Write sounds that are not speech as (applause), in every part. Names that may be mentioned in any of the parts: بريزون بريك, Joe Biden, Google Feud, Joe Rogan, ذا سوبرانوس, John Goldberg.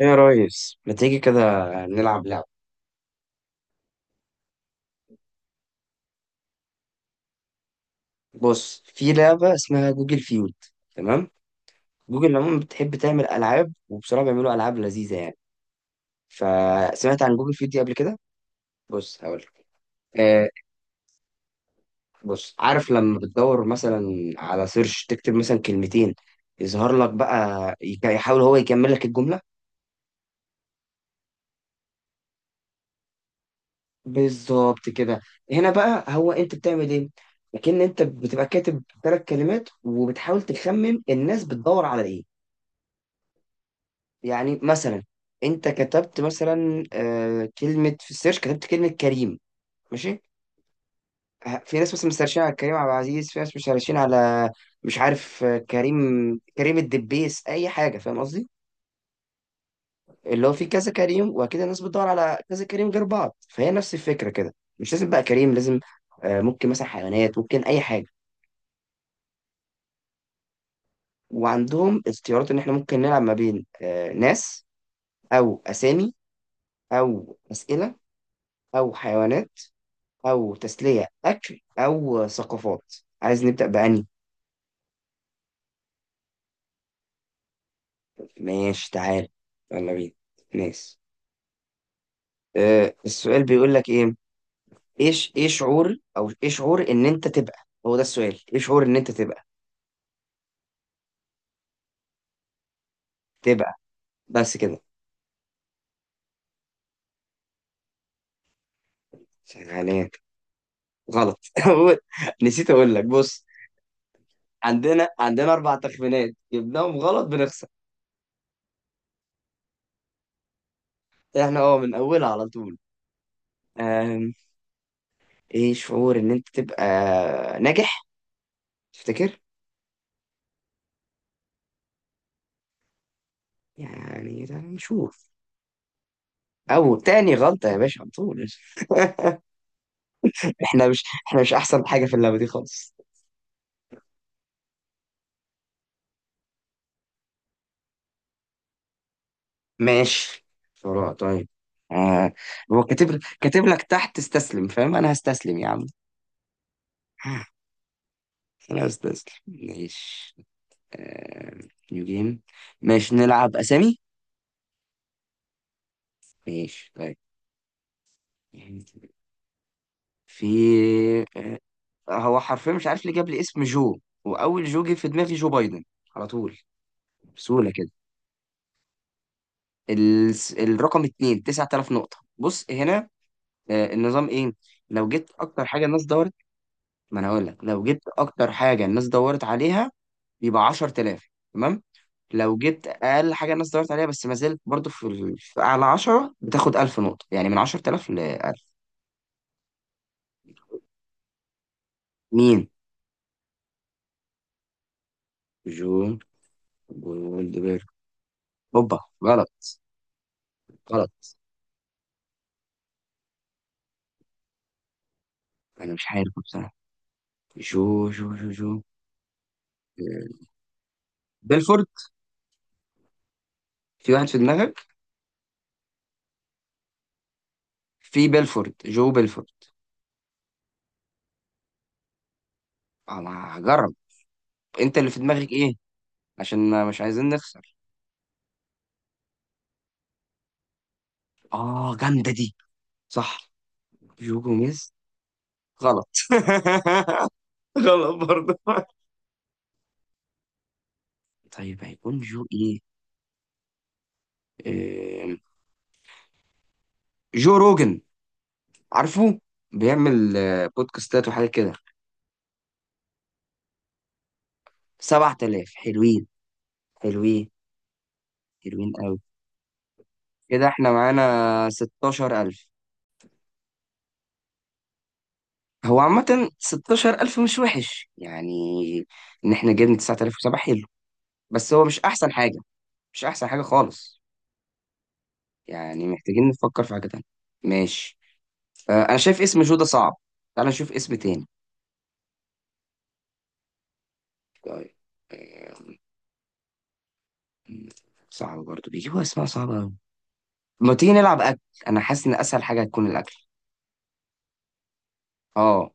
ايه يا ريس، ما تيجي كده نلعب لعبة؟ بص، في لعبة اسمها جوجل فيود. تمام. جوجل عموما بتحب تعمل ألعاب، وبصراحة بيعملوا ألعاب لذيذة يعني. فسمعت عن جوجل فيود دي قبل كده. بص هقول لك. آه، بص عارف لما بتدور مثلا على سيرش تكتب مثلا كلمتين، يظهر لك بقى يحاول هو يكمل لك الجملة. بالظبط كده. هنا بقى هو انت بتعمل ايه؟ لكن انت بتبقى كاتب ثلاث كلمات وبتحاول تخمن الناس بتدور على ايه. يعني مثلا انت كتبت مثلا كلمة في السيرش، كتبت كلمة كريم. ماشي. في ناس مثلا سيرشين على كريم عبد العزيز، في ناس مش سيرشين على، مش عارف، كريم كريم الدبيس، اي حاجة، فاهم قصدي؟ اللي هو في كذا كريم وكده، الناس بتدور على كذا كريم غير بعض، فهي نفس الفكرة كده. مش لازم بقى كريم لازم، ممكن مثلا حيوانات، ممكن اي حاجة. وعندهم اختيارات ان احنا ممكن نلعب ما بين، ناس او اسامي او اسئلة او حيوانات او تسلية اكل او ثقافات. عايز نبدأ بأني؟ ماشي تعال، يلا بينا. ناس. أه، السؤال بيقول لك ايه؟ ايش، ايه شعور او ايه شعور ان انت تبقى. هو ده السؤال، ايه شعور ان انت تبقى، تبقى. بس كده. عليك. غلط. (laughs) نسيت اقول لك. بص، عندنا اربع تخمينات، جبناهم غلط بنخسر. احنا اه من اولها على طول. أم، ايه شعور ان انت تبقى ناجح، تفتكر؟ يعني ده نشوف. او تاني غلطة يا باشا على طول. (laughs) احنا مش احسن حاجة في اللعبة دي خالص. ماشي، بسرعة طيب. آه. هو كاتب لك تحت استسلم، فاهم؟ انا هستسلم يا عم. انا هستسلم، ماشي. آه. نيو جيم. ماشي نلعب اسامي. ماشي طيب. في، آه. هو حرفيا مش عارف ليه جاب لي اسم جو. واول جو جه في دماغي جو بايدن، على طول بسهولة كده. ال... الرقم اتنين 9000 نقطة. بص هنا، النظام ايه. لو جبت اكتر حاجه الناس دورت. ما انا هقول لك، لو جبت اكتر حاجه الناس دورت عليها يبقى 10000. تمام. لو جبت اقل حاجه الناس دورت عليها، بس ما زلت برضو في، في اعلى 10، بتاخد 1000 نقطه، يعني من 10000 ل 1000. مين؟ جون جولدبرج. اوبا، غلط. غلط. انا مش عارف بصراحه. جو، آه، بيلفورد. في واحد في دماغك؟ في بيلفورد، جو بيلفورد. انا هجرب. انت اللي في دماغك ايه؟ عشان مش عايزين نخسر. اه جامدة دي، صح. جو جوميز. غلط. (laughs) غلط برضه. طيب هيكون جو ايه؟ آم، جو روجن، عارفه؟ بيعمل بودكاستات وحاجات كده. 7000، حلوين، حلوين. حلوين قوي. كده احنا معانا 16000. هو عامة 16000 مش وحش يعني، ان احنا جبنا 9007، حلو. بس هو مش احسن حاجة. مش احسن حاجة خالص. يعني محتاجين نفكر في حاجة تانية. ماشي. انا شايف اسم جودة صعب. تعال نشوف اسم تاني. طيب. آه، صعب برضه، بيجيبوا اسماء صعبة أوي. ما تيجي نلعب اكل؟ انا حاسس ان اسهل حاجة هتكون الاكل. اه،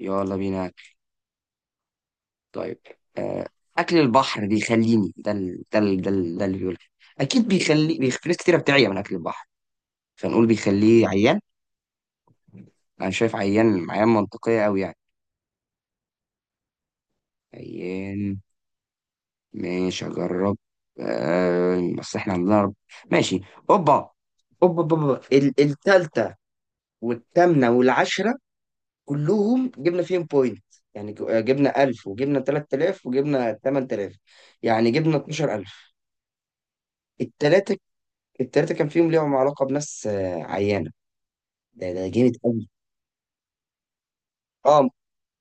يلا بينا اكل. طيب. آه، اكل البحر بيخليني. ده ده اللي بيقول. اكيد بيخلي. في ناس كتيرة بتعيا من اكل البحر، فنقول بيخليه عيان. انا شايف عيان، عيان منطقية أوي يعني. عيان. ماشي اجرب. بس احنا عندنا رب. ماشي. اوبا. اوبا اوبا أوبا. التلج والثامنة والعشرة، كلهم جبنا فيهم بوينت. يعني جبنا 1000 وجبنا 3000 وجبنا 8000، يعني جبنا 12000. التلاتة، التلاتة كان فيهم ليهم علاقة بناس عيانة. ده جامد قوي. اه،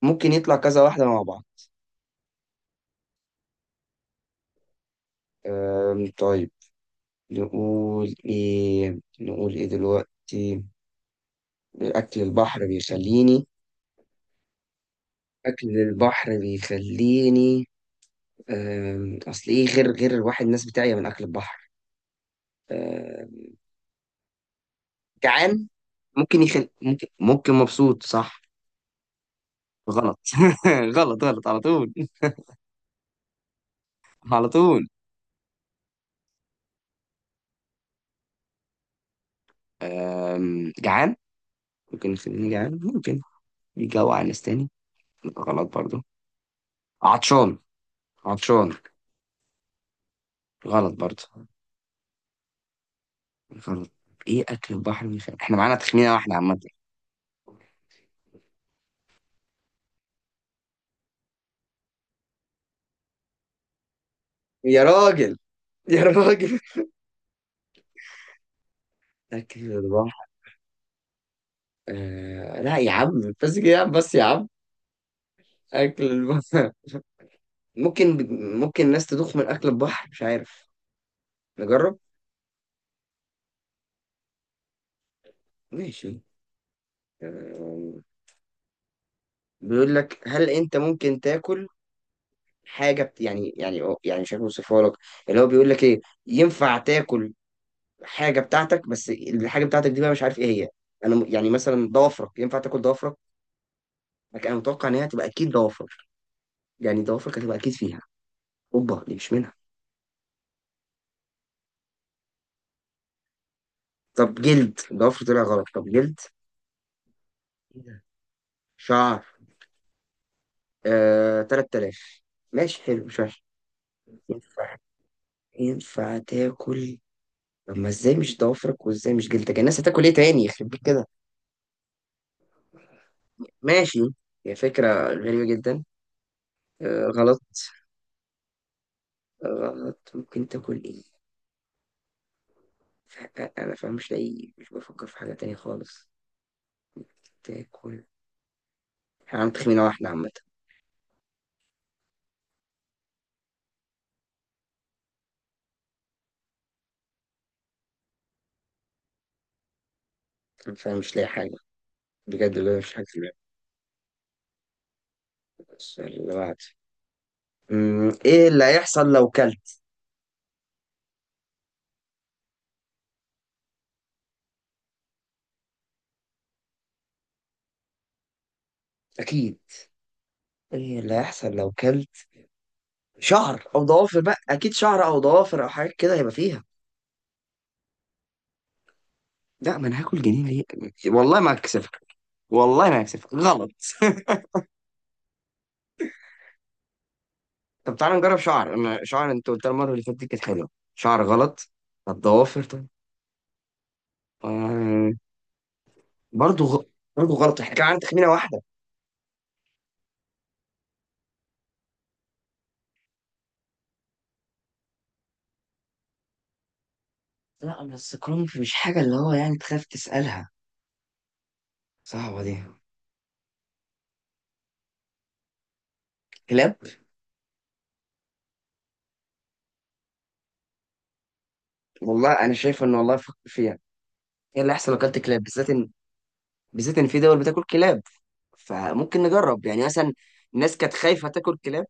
ممكن يطلع كذا واحدة مع بعض. طيب، نقول ايه، نقول ايه دلوقتي؟ اكل البحر بيخليني. اكل البحر بيخليني. اصل ايه، غير الواحد الناس بتاعي من اكل البحر. آم، جعان. ممكن يخل ممكن ممكن مبسوط، صح؟ غلط. (laughs) غلط، غلط على طول. على طول. جعان. ممكن يخليني جعان، ممكن يجوع ناس تاني. غلط برضو. عطشان. عطشان. غلط برضو. غلط. ايه اكل البحر بيخلي، احنا معانا تخمينه واحده عامه. يا راجل، يا راجل. (laughs) اكل البحر. لا يا عم، بس كده يا عم، بس يا عم. اكل البحر (laughs) ممكن، ممكن الناس تدوخ من اكل البحر، مش عارف. نجرب. ماشي. آه... بيقول لك هل انت ممكن تاكل حاجه يعني، يعني يعني مش عارف اوصفها لك. اللي هو بيقول لك ايه، ينفع تاكل حاجه بتاعتك، بس الحاجه بتاعتك دي بقى مش عارف ايه هي. انا يعني مثلا ضوافرك، ينفع تاكل ضوافرك؟ لكن انا متوقع ان هي هتبقى اكيد ضوافر، يعني ضوافرك هتبقى اكيد فيها. اوبا، دي مش منها. طب جلد. ضوافر طلع غلط. طب جلد. إيه ده؟ شعر. آه، 3000، ماشي حلو، مش وحش. ينفع، ينفع تاكل. طب ما ازاي مش ضوافرك وازاي مش جلدك، يعني الناس هتاكل ايه تاني، يخرب بيت كده. ماشي، هي فكرة غريبة جدا. آه غلط. غلط. ممكن تاكل ايه؟ انا فاهم مش لاقي، مش بفكر في حاجة تانية خالص. تاكل. احنا عم تخمينة واحدة عامة. أنا فاهم مش لاقي حاجة، بجد والله مش حاجة في بالي. السؤال اللي بعده. ايه اللي هيحصل لو كلت؟ اكيد. ايه اللي هيحصل لو كلت شعر او ضوافر بقى، اكيد شعر او ضوافر او حاجات كده هيبقى فيها. لا، ما انا هاكل جنين ليه؟ والله ما هكسفك. والله ما هكسفك. غلط. طب تعالى نجرب شعر، انا شعر انت قلت المره اللي فاتت دي كانت حلوه. شعر، غلط. طب ضوافر. طيب. آه... برضه غ... برضه غلط. احنا كان عندنا تخمينه واحده. لا بس كرنب مش حاجه اللي هو يعني تخاف تسالها، صعبه دي. كلاب. والله انا شايف ان، والله فكر فيها. ايه اللي احسن لو اكلت كلاب، بالذات ان، بالذات ان في دول بتاكل كلاب، فممكن نجرب يعني مثلا. الناس كانت خايفه تاكل كلاب.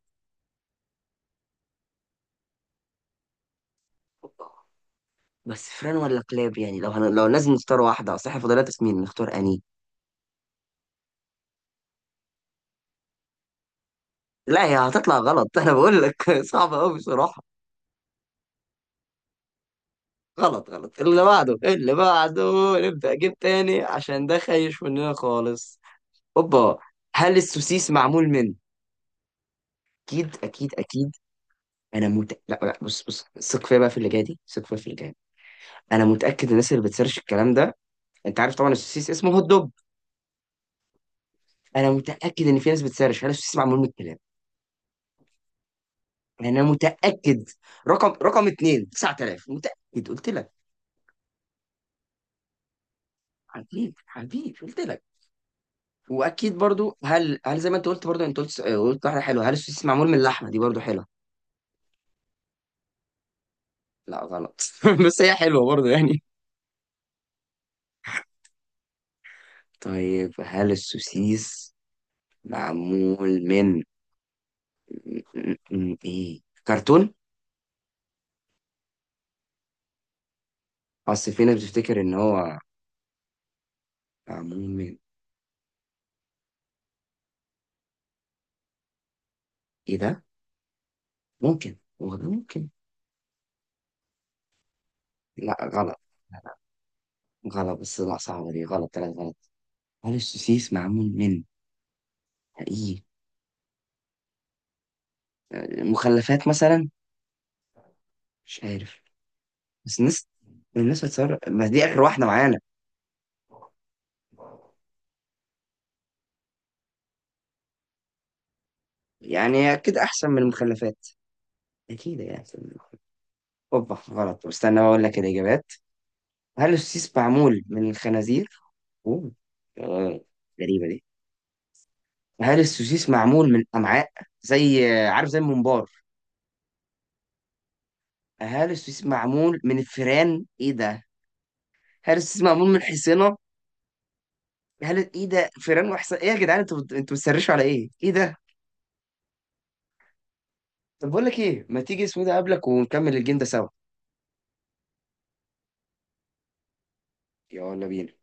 بس فران ولا كلاب يعني، لو لو لازم نختار واحده، اصل احنا فضلنا تسمين نختار اني. لا هي هتطلع غلط. (laughs) انا بقول لك. (laughs) صعبه قوي بصراحه. غلط. غلط. اللي بعده، اللي بعده. نبدا اجيب تاني عشان ده خايش مننا خالص. اوبا. هل السوسيس معمول من، اكيد، اكيد، اكيد. لا لا، بص ثق فيا بقى في اللي جاي دي، ثق فيا في اللي جاي. انا متاكد الناس اللي بتسيرش الكلام ده، انت عارف طبعا السوسيس اسمه هوت دوج، انا متاكد ان في ناس بتسيرش هل السوسيس معمول من الكلام. انا متاكد. رقم اتنين 9000، متاكد قلت لك. حبيبي قلت لك. واكيد برضو هل زي ما انت قلت، برضو انت قلت قلت واحده حلوه، هل السوسيس معمول من اللحمه، دي برضو حلوه. لا غلط. (laughs) بس هي حلوه برضو يعني. طيب هل السوسيس معمول من، ايه، كرتون؟ اصل في ناس بتفتكر ان هو معمول من ايه ده، ممكن هو ده، ممكن. لا غلط. غلط. بس لا، صعبه دي. غلط، ثلاث غلط. هل السوسيس معمول من ايه؟ مخلفات مثلا، مش عارف. بس الناس هتصر، ما دي اخر واحده معانا. يعني هي اكيد احسن من المخلفات. اكيد هي احسن من المخلفات. اوبا غلط، واستنى بقول لك الاجابات. هل السوسيس معمول من الخنازير. اوه. آه، غريبه دي. هل السوسيس معمول من امعاء، زي عارف زي الممبار. هل السوسيس معمول من الفيران، ايه ده؟ هل السوسيس معمول من حصينه. هل ايه ده، فيران وحصان ايه يا جدعان، انتوا بتسرشوا على ايه، ايه ده؟ طب بقول لك ايه، ما تيجي اسمه ده قبلك ونكمل الجيم ده سوا. يلا بينا.